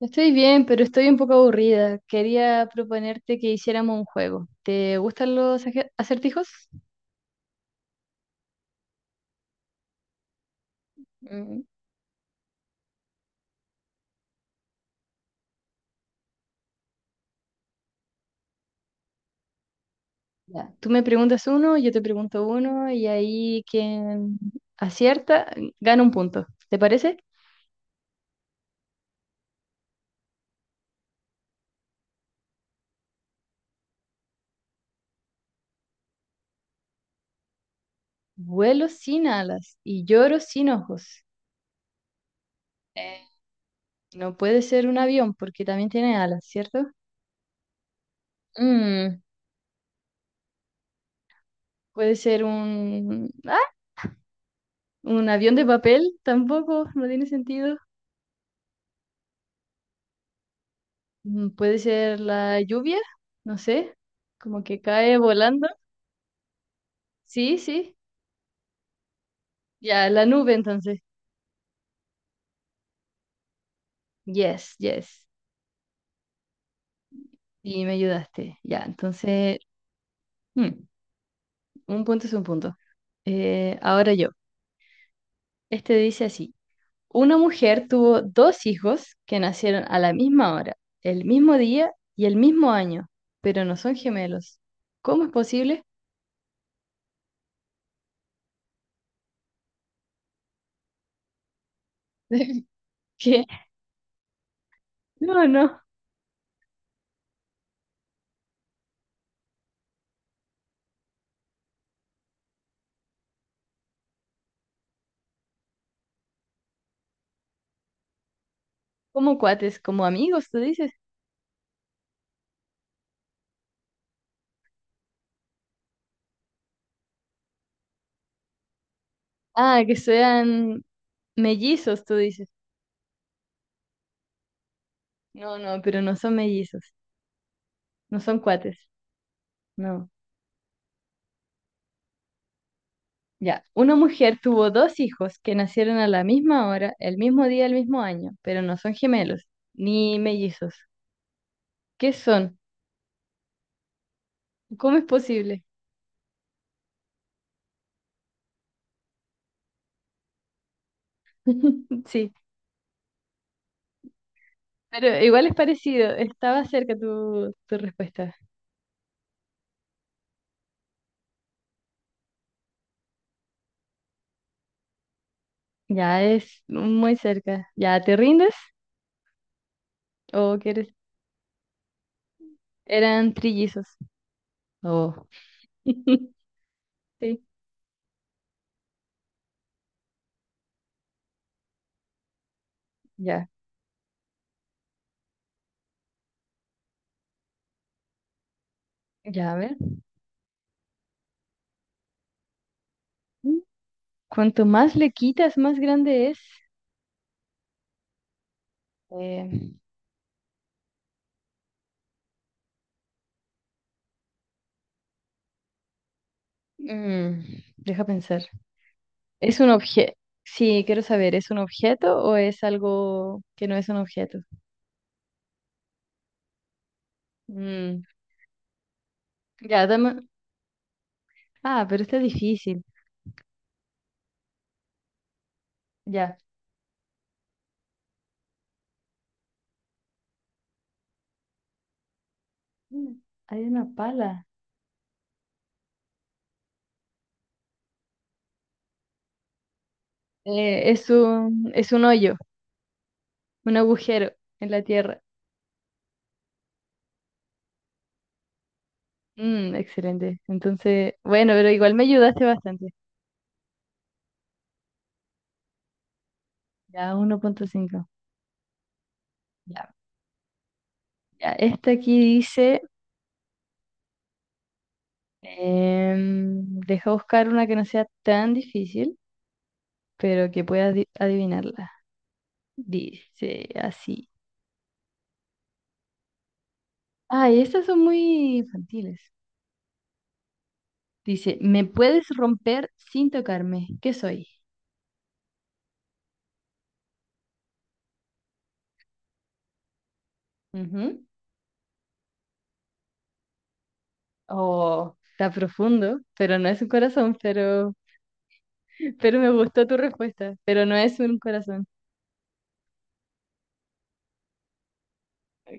Estoy bien, pero estoy un poco aburrida. Quería proponerte que hiciéramos un juego. ¿Te gustan los acertijos? Mm, ya. Tú me preguntas uno, yo te pregunto uno, y ahí quien acierta gana un punto. ¿Te parece? Vuelo sin alas y lloro sin ojos. Eh, no puede ser un avión porque también tiene alas, ¿cierto? Mm, puede ser un... ¡Ah! Un avión de papel, tampoco, no tiene sentido. Mm, puede ser la lluvia, no sé, como que cae volando. Sí, sí. Ya, la nube entonces. Yes, yes. Y me ayudaste. Ya, entonces, mm, un punto es un punto. Ahora yo. Este dice así. Una mujer tuvo dos hijos que nacieron a la misma hora, el mismo día y el mismo año, pero no son gemelos. ¿Cómo es posible? que No, no. Como cuates, como amigos, tú dices. Ah, que sean mellizos, tú dices. No, no, pero no son mellizos, no son cuates, no. Ya, una mujer tuvo dos hijos que nacieron a la misma hora, el mismo día, el mismo año, pero no son gemelos, ni mellizos. ¿Qué son? ¿Cómo es posible? Sí, pero igual es parecido, estaba cerca tu respuesta. Ya es muy cerca. ¿Ya te rindes o quieres? Eran trillizos. Oh. Sí, ya, ya, a ver. Cuanto más le quitas, más grande es. Eh, mm, Deja pensar. ¿Es un objeto? Sí, quiero saber, ¿es un objeto o es algo que no es un objeto? Mm, ya, dame. Ah, pero está difícil. Ya. Mm, hay una pala. Es un hoyo, un agujero en la tierra. Mm, excelente. Entonces, bueno, pero igual me ayudaste bastante. Ya, 1,5. Ya, ya. Esta aquí dice. Em, deja buscar una que no sea tan difícil, pero que puedas adivinarla. Dice así. Ay, estas son muy infantiles. Dice, me puedes romper sin tocarme. ¿Qué soy? Ujú. Oh, está profundo, pero no es un corazón, pero me gustó tu respuesta, pero no es un corazón.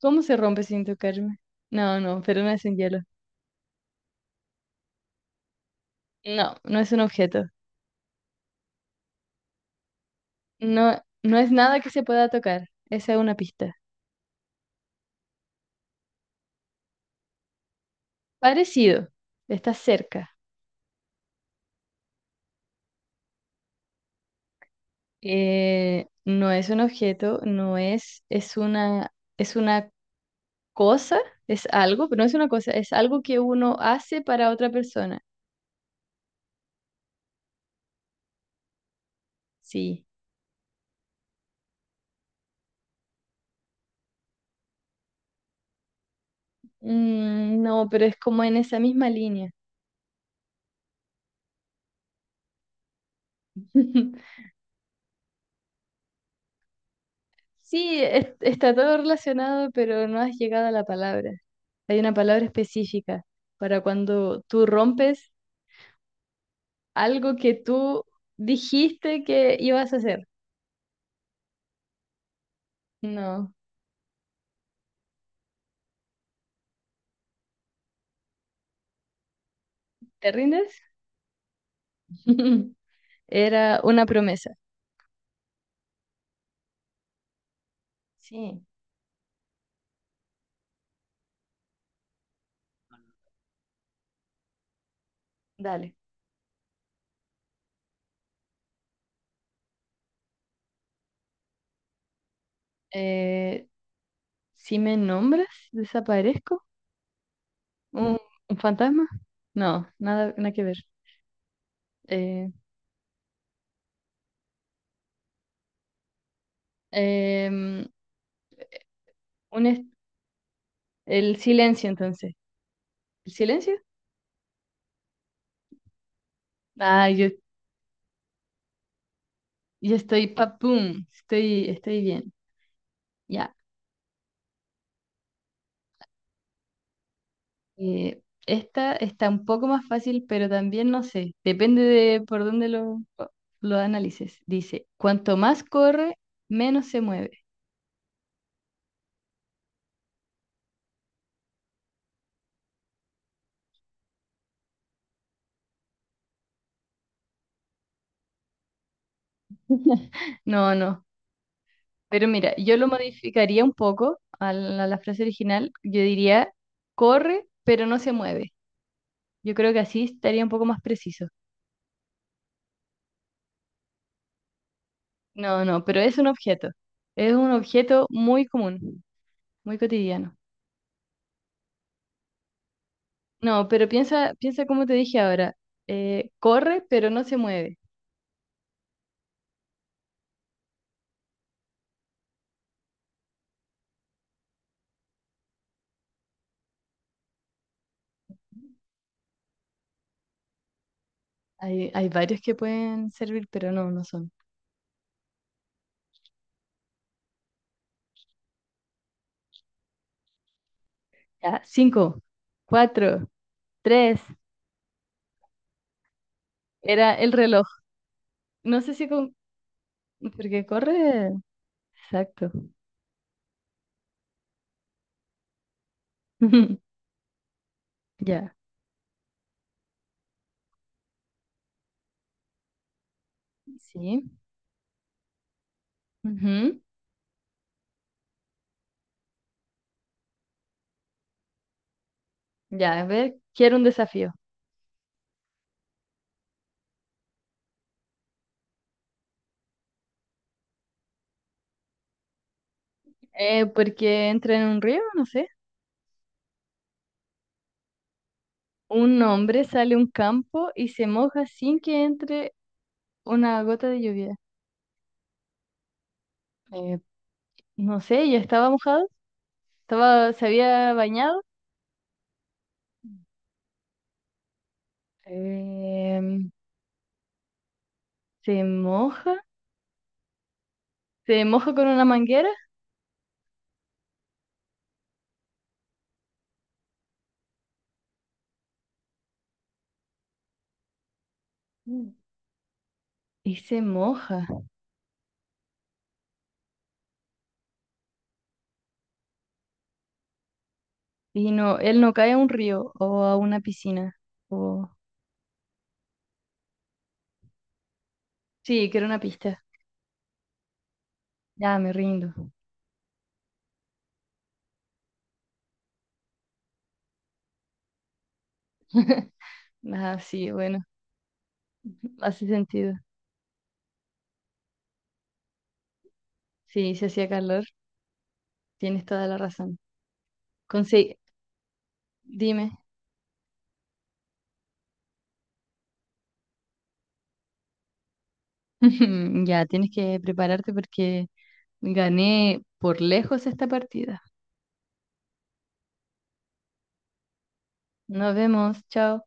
¿Cómo se rompe sin tocarme? No, no, pero no es un hielo. No, no es un objeto. No, no es nada que se pueda tocar. Esa es una pista. Parecido, está cerca. No es un objeto, no es, Es una, es una cosa, es algo, pero no es una cosa, es algo que uno hace para otra persona. Sí. Mm, no, pero es como en esa misma línea. Sí, está todo relacionado, pero no has llegado a la palabra. Hay una palabra específica para cuando tú rompes algo que tú dijiste que ibas a hacer. No, ¿te rindes? Era una promesa. Sí, dale. Eh, si me nombras, desaparezco. ¿Un, ¿Un fantasma? No, nada, nada que ver. Eh, em, un es- el silencio, entonces. ¿El silencio? Ah, yo estoy papum, estoy, estoy bien. Ya. Esta está un poco más fácil, pero también no sé. Depende de por dónde lo analices. Dice, cuanto más corre, menos se mueve. No, no. Pero mira, yo lo modificaría un poco a a la frase original. Yo diría, corre, pero no se mueve. Yo creo que así estaría un poco más preciso. No, no, pero es un objeto. Es un objeto muy común, muy cotidiano. No, pero piensa, piensa como te dije ahora. Corre, pero no se mueve. Hay varios que pueden servir, pero no, no son. Ya, cinco, cuatro, tres. Era el reloj. No sé si con... Porque corre... Exacto. Ya. Sí. Ujú. Ya, a ver, quiero un desafío. Porque entra en un río, no sé. Un hombre sale a un campo y se moja sin que entre una gota de lluvia. Eh, no sé, ya estaba mojado, estaba, se había bañado. Em, se moja, Se moja con una manguera. Mm, y se moja. Y no, él no cae a un río o a una piscina. O... Sí, que era una pista. Ya, me rindo. Ah, sí, bueno. Hace sentido. Sí, si hacía calor, tienes toda la razón. Conse- Dime. Ya, tienes que prepararte porque gané por lejos esta partida. Nos vemos. Chao.